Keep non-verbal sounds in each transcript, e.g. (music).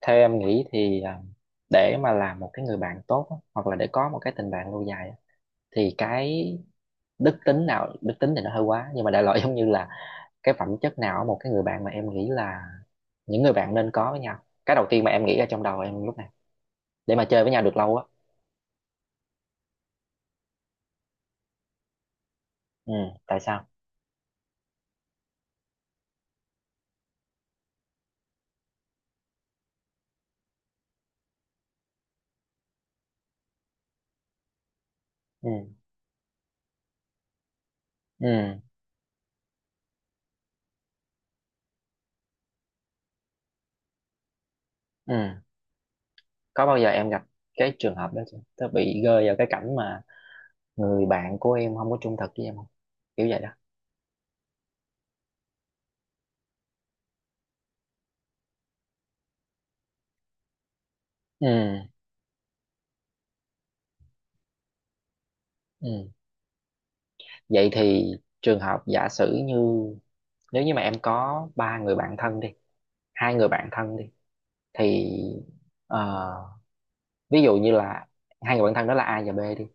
Theo em nghĩ thì để mà làm một cái người bạn tốt á, hoặc là để có một cái tình bạn lâu dài á, thì cái đức tính nào, đức tính thì nó hơi quá nhưng mà đại loại (laughs) giống như là cái phẩm chất nào ở một cái người bạn mà em nghĩ là những người bạn nên có với nhau, cái đầu tiên mà em nghĩ ra trong đầu em lúc này để mà chơi với nhau được lâu á. Ừ. Tại sao? Ừ. Ừ. Ừ. Có bao giờ em gặp cái trường hợp đó chưa, tớ bị rơi vào cái cảnh mà người bạn của em không có trung thực với em không, kiểu vậy đó? Ừ. Ừ. Vậy thì trường hợp giả sử như nếu như mà em có ba người bạn thân đi, hai người bạn thân đi thì ờ, ví dụ như là hai người bạn thân đó là A và B đi.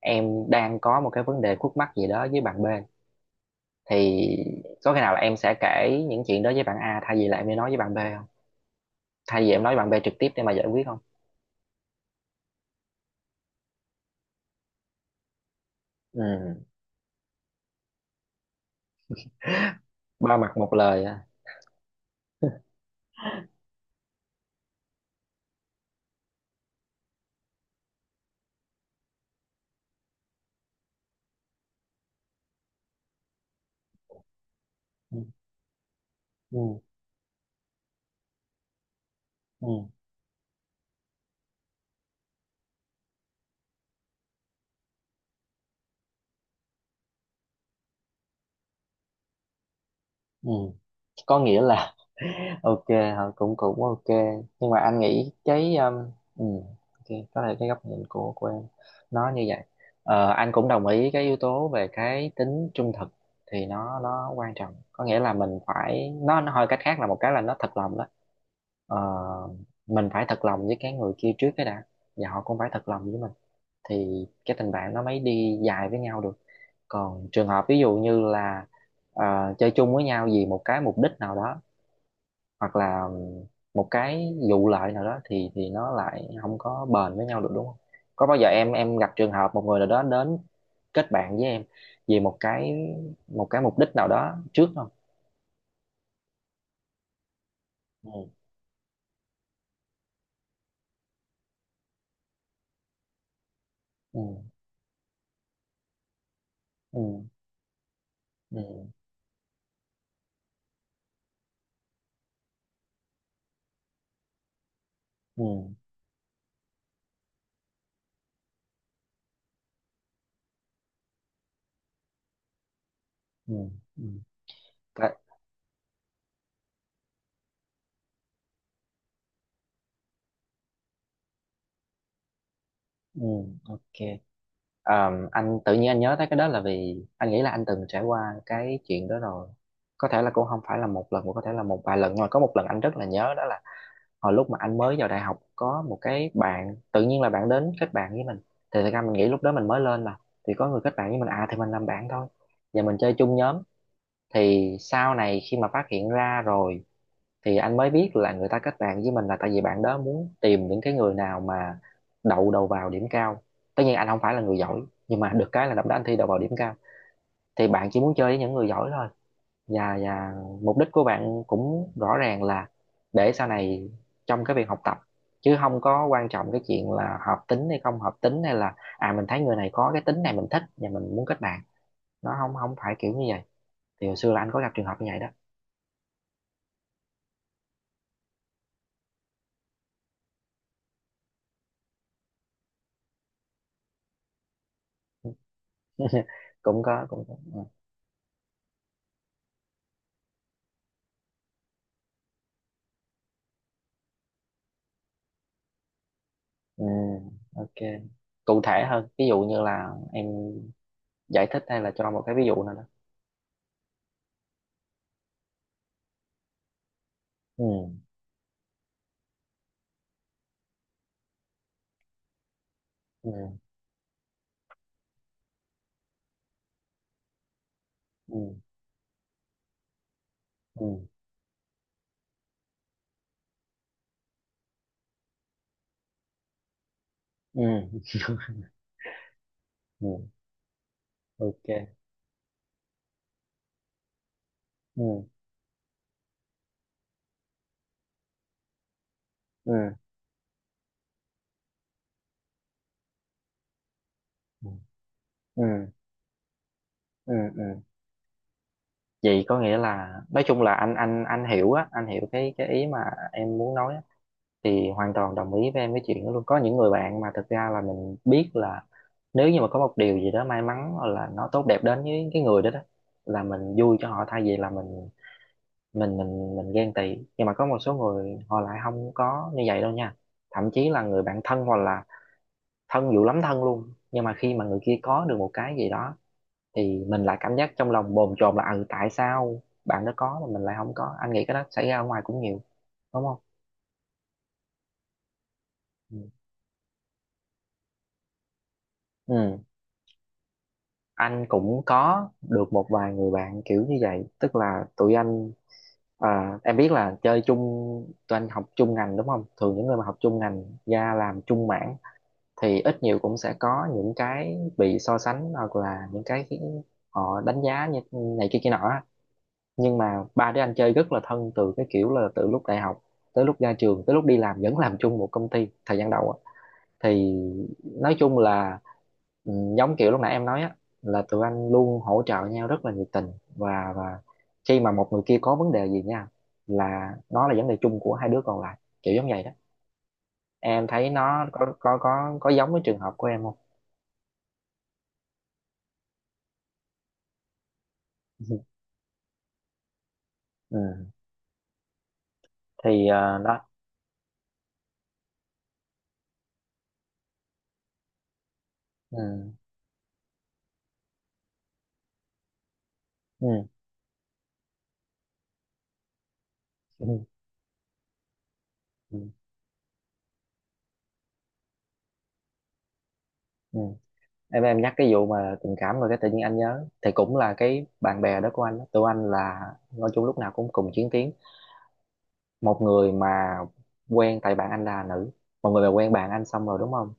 Em đang có một cái vấn đề khúc mắc gì đó với bạn B thì có khi nào là em sẽ kể những chuyện đó với bạn A thay vì là em đi nói với bạn B không? Thay vì em nói với bạn B trực tiếp để mà giải quyết không? Ừ, ba mặt một lời à. Ừ. Ừ. Ừ. Ừ. Có nghĩa là (laughs) ok hả? Cũng cũng ok, nhưng mà anh nghĩ cái ừ, ok, có thể cái góc nhìn của em nó như vậy. Anh cũng đồng ý cái yếu tố về cái tính trung thực thì nó quan trọng, có nghĩa là mình phải, nó hơi cách khác là một cái là nó thật lòng đó. Ờ, mình phải thật lòng với cái người kia trước cái đã, và họ cũng phải thật lòng với mình thì cái tình bạn nó mới đi dài với nhau được. Còn trường hợp ví dụ như là chơi chung với nhau vì một cái mục đích nào đó, hoặc là một cái vụ lợi nào đó thì nó lại không có bền với nhau được, đúng không? Có bao giờ em gặp trường hợp một người nào đó đến kết bạn với em vì một cái mục đích nào đó trước không? Ừ. Ừ. Ừ. Ừ. Ừ. Ừ. Ừ. Ừ. Ok. Anh tự nhiên anh nhớ tới cái đó là vì anh nghĩ là anh từng trải qua cái chuyện đó rồi. Có thể là cũng không phải là một lần, mà có thể là một vài lần. Nhưng mà có một lần anh rất là nhớ, đó là hồi lúc mà anh mới vào đại học có một cái bạn, tự nhiên là bạn đến kết bạn với mình. Thì thật ra mình nghĩ lúc đó mình mới lên mà. Thì có người kết bạn với mình, à thì mình làm bạn thôi. Và mình chơi chung nhóm. Thì sau này khi mà phát hiện ra rồi thì anh mới biết là người ta kết bạn với mình là tại vì bạn đó muốn tìm những cái người nào mà đậu đầu vào điểm cao. Tất nhiên anh không phải là người giỏi, nhưng mà được cái là năm đó anh thi đậu vào điểm cao, thì bạn chỉ muốn chơi với những người giỏi thôi. Và mục đích của bạn cũng rõ ràng là để sau này trong cái việc học tập, chứ không có quan trọng cái chuyện là hợp tính hay không hợp tính, hay là mình thấy người này có cái tính này mình thích và mình muốn kết bạn. Nó không không phải kiểu như vậy. Thì hồi xưa là anh có gặp trường hợp như vậy đó. (laughs) Cũng có, cũng có. Ừ. Ừ, ok. Cụ thể hơn, ví dụ như là em giải thích hay là cho một cái ví dụ nào đó. Ừ. Ừ. Ừ. Ừ. Ừ. Ừ. Ok. Ừ. Ừ. Ừ. Ừ. Ừ. Ừ. Vậy có nghĩa là nói chung là anh hiểu á, anh hiểu cái ý mà em muốn nói á, thì hoàn toàn đồng ý với em cái chuyện đó luôn. Có những người bạn mà thực ra là mình biết là nếu như mà có một điều gì đó may mắn hoặc là nó tốt đẹp đến với cái người đó đó, là mình vui cho họ thay vì là mình ghen tị. Nhưng mà có một số người họ lại không có như vậy đâu nha, thậm chí là người bạn thân, hoặc là thân dữ lắm, thân luôn, nhưng mà khi mà người kia có được một cái gì đó thì mình lại cảm giác trong lòng bồn chồn là ừ tại sao bạn đó có mà mình lại không có. Anh nghĩ cái đó xảy ra ở ngoài cũng nhiều, đúng không? Ừ. Ừ. Anh cũng có được một vài người bạn kiểu như vậy, tức là tụi anh, em biết là chơi chung, tụi anh học chung ngành đúng không, thường những người mà học chung ngành ra làm chung mảng thì ít nhiều cũng sẽ có những cái bị so sánh, hoặc là những cái khiến họ đánh giá như này kia kia nọ á. Nhưng mà ba đứa anh chơi rất là thân, từ cái kiểu là từ lúc đại học tới lúc ra trường tới lúc đi làm vẫn làm chung một công ty thời gian đầu á. Thì nói chung là ừ, giống kiểu lúc nãy em nói á, là tụi anh luôn hỗ trợ nhau rất là nhiệt tình. Và khi mà một người kia có vấn đề gì nha, là nó là vấn đề chung của hai đứa còn lại, kiểu giống vậy đó. Em thấy nó có giống với trường hợp của em không? (laughs) Ừ. Thì đó. Ừ. Ừ. Ừ. Ừ. Ừ. Em nhắc cái vụ mà tình cảm rồi cái tự nhiên anh nhớ, thì cũng là cái bạn bè đó của anh đó. Tụi anh là nói chung lúc nào cũng cùng chiến tuyến. Một người mà quen, tại bạn anh là nữ, một người mà quen bạn anh xong rồi đúng không,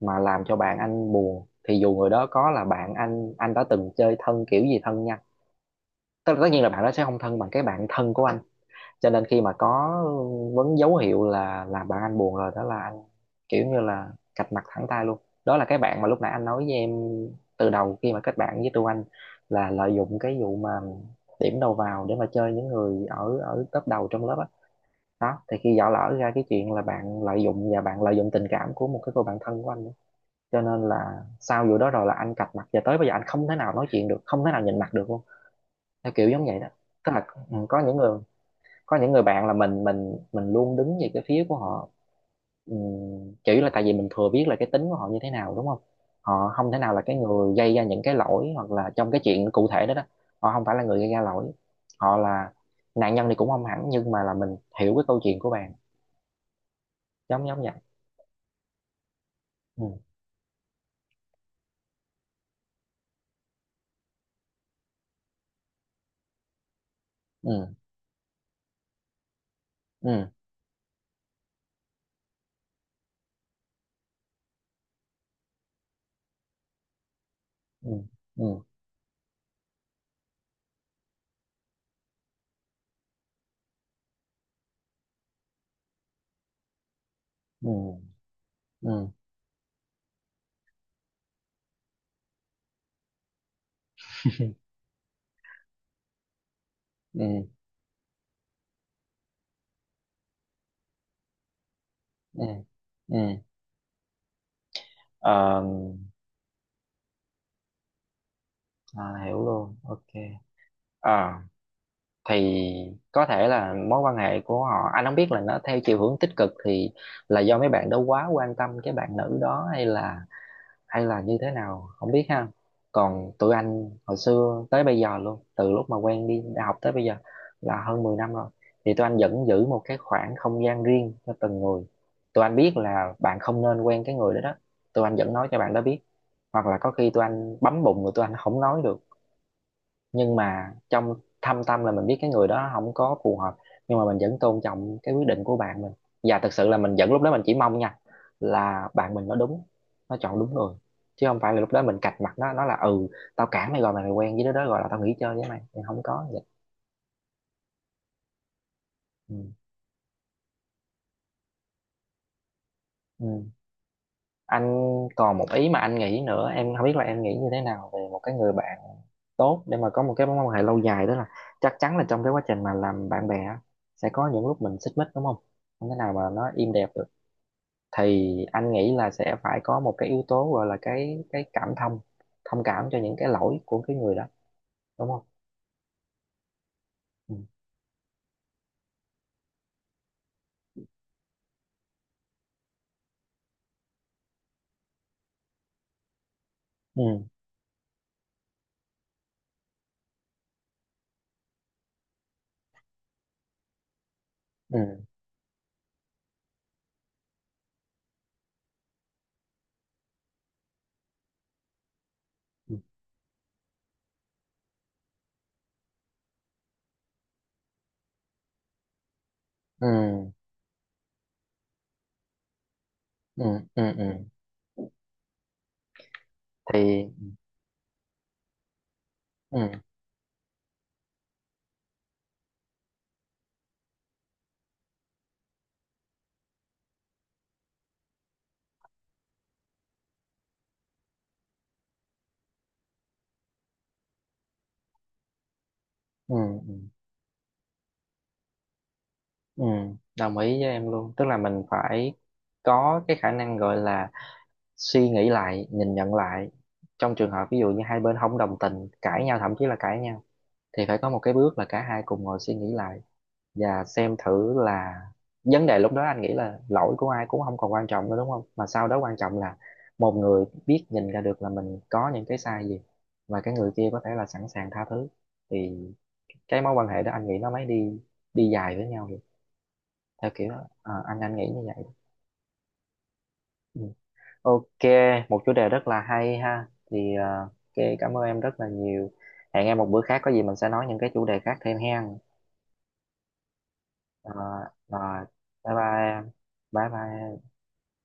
mà làm cho bạn anh buồn thì dù người đó có là bạn anh đã từng chơi thân kiểu gì thân nha, tất tất nhiên là bạn đó sẽ không thân bằng cái bạn thân của anh, cho nên khi mà có vấn, dấu hiệu là làm bạn anh buồn rồi đó là anh kiểu như là cạch mặt thẳng tay luôn. Đó là cái bạn mà lúc nãy anh nói với em, từ đầu khi mà kết bạn với Trương Anh là lợi dụng cái vụ mà điểm đầu vào để mà chơi những người ở ở top đầu trong lớp á đó. Thì khi dở lỡ ra cái chuyện là bạn lợi dụng, và bạn lợi dụng tình cảm của một cái cô bạn thân của anh đó, cho nên là sau vụ đó rồi là anh cạch mặt, và tới bây giờ anh không thể nào nói chuyện được, không thể nào nhìn mặt được luôn, theo kiểu giống vậy đó. Tức là ừ, có những người bạn là mình luôn đứng về cái phía của họ. Ừm, Chủ yếu là tại vì mình thừa biết là cái tính của họ như thế nào, đúng không, họ không thể nào là cái người gây ra những cái lỗi hoặc là trong cái chuyện cụ thể đó đó, họ không phải là người gây ra lỗi, họ là nạn nhân thì cũng không hẳn, nhưng mà là mình hiểu cái câu chuyện của bạn, giống giống vậy. Ừ. Ừ. Ừ. Ừ. Ừ. Ừ. Ừ. Ừ. Ừ. Ừ. Ờ, À, hiểu luôn, ok. Ờ thì có thể là mối quan hệ của họ anh không biết là nó theo chiều hướng tích cực, thì là do mấy bạn đó quá quan tâm cái bạn nữ đó, hay là như thế nào không biết ha. Còn tụi anh hồi xưa tới bây giờ luôn, từ lúc mà quen đi đại học tới bây giờ là hơn 10 năm rồi, thì tụi anh vẫn giữ một cái khoảng không gian riêng cho từng người. Tụi anh biết là bạn không nên quen cái người đó đó, tụi anh vẫn nói cho bạn đó biết, hoặc là có khi tụi anh bấm bụng rồi tụi anh không nói được, nhưng mà trong thâm tâm là mình biết cái người đó không có phù hợp, nhưng mà mình vẫn tôn trọng cái quyết định của bạn mình. Và thực sự là mình vẫn, lúc đó mình chỉ mong nha, là bạn mình nó đúng, nó chọn đúng người, chứ không phải là lúc đó mình cạch mặt nó là ừ tao cản mày rồi mày quen với đứa đó rồi là tao nghỉ chơi với mày, thì không có vậy. Ừ. Ừ. Anh còn một ý mà anh nghĩ nữa, em không biết là em nghĩ như thế nào về một cái người bạn tốt để mà có một cái mối quan hệ lâu dài, đó là chắc chắn là trong cái quá trình mà làm bạn bè á, sẽ có những lúc mình xích mích đúng không, không thể nào mà nó im đẹp, thì anh nghĩ là sẽ phải có một cái yếu tố gọi là cái cảm thông, thông cảm cho những cái lỗi của cái người đó, đúng không? Ừ. Ừ. Ừ. Ừ. Ừ. Ừ. Ừ. Ừ. Thì. Ừ. Ừ. Ừ. Ừ. Đồng ý với em luôn, tức là mình phải có cái khả năng gọi là suy nghĩ lại, nhìn nhận lại, trong trường hợp ví dụ như hai bên không đồng tình, cãi nhau, thậm chí là cãi nhau, thì phải có một cái bước là cả hai cùng ngồi suy nghĩ lại, và xem thử là vấn đề lúc đó anh nghĩ là lỗi của ai cũng không còn quan trọng nữa, đúng không, mà sau đó quan trọng là một người biết nhìn ra được là mình có những cái sai gì, và cái người kia có thể là sẵn sàng tha thứ, thì cái mối quan hệ đó anh nghĩ nó mới đi đi dài với nhau được, theo kiểu đó. Ờ, anh nghĩ như vậy. Ừ. Ok, một chủ đề rất là hay ha, thì ok, cảm ơn em rất là nhiều, hẹn em một bữa khác có gì mình sẽ nói những cái chủ đề khác thêm hen. Ờ, Rồi, bye bye em, bye bye em.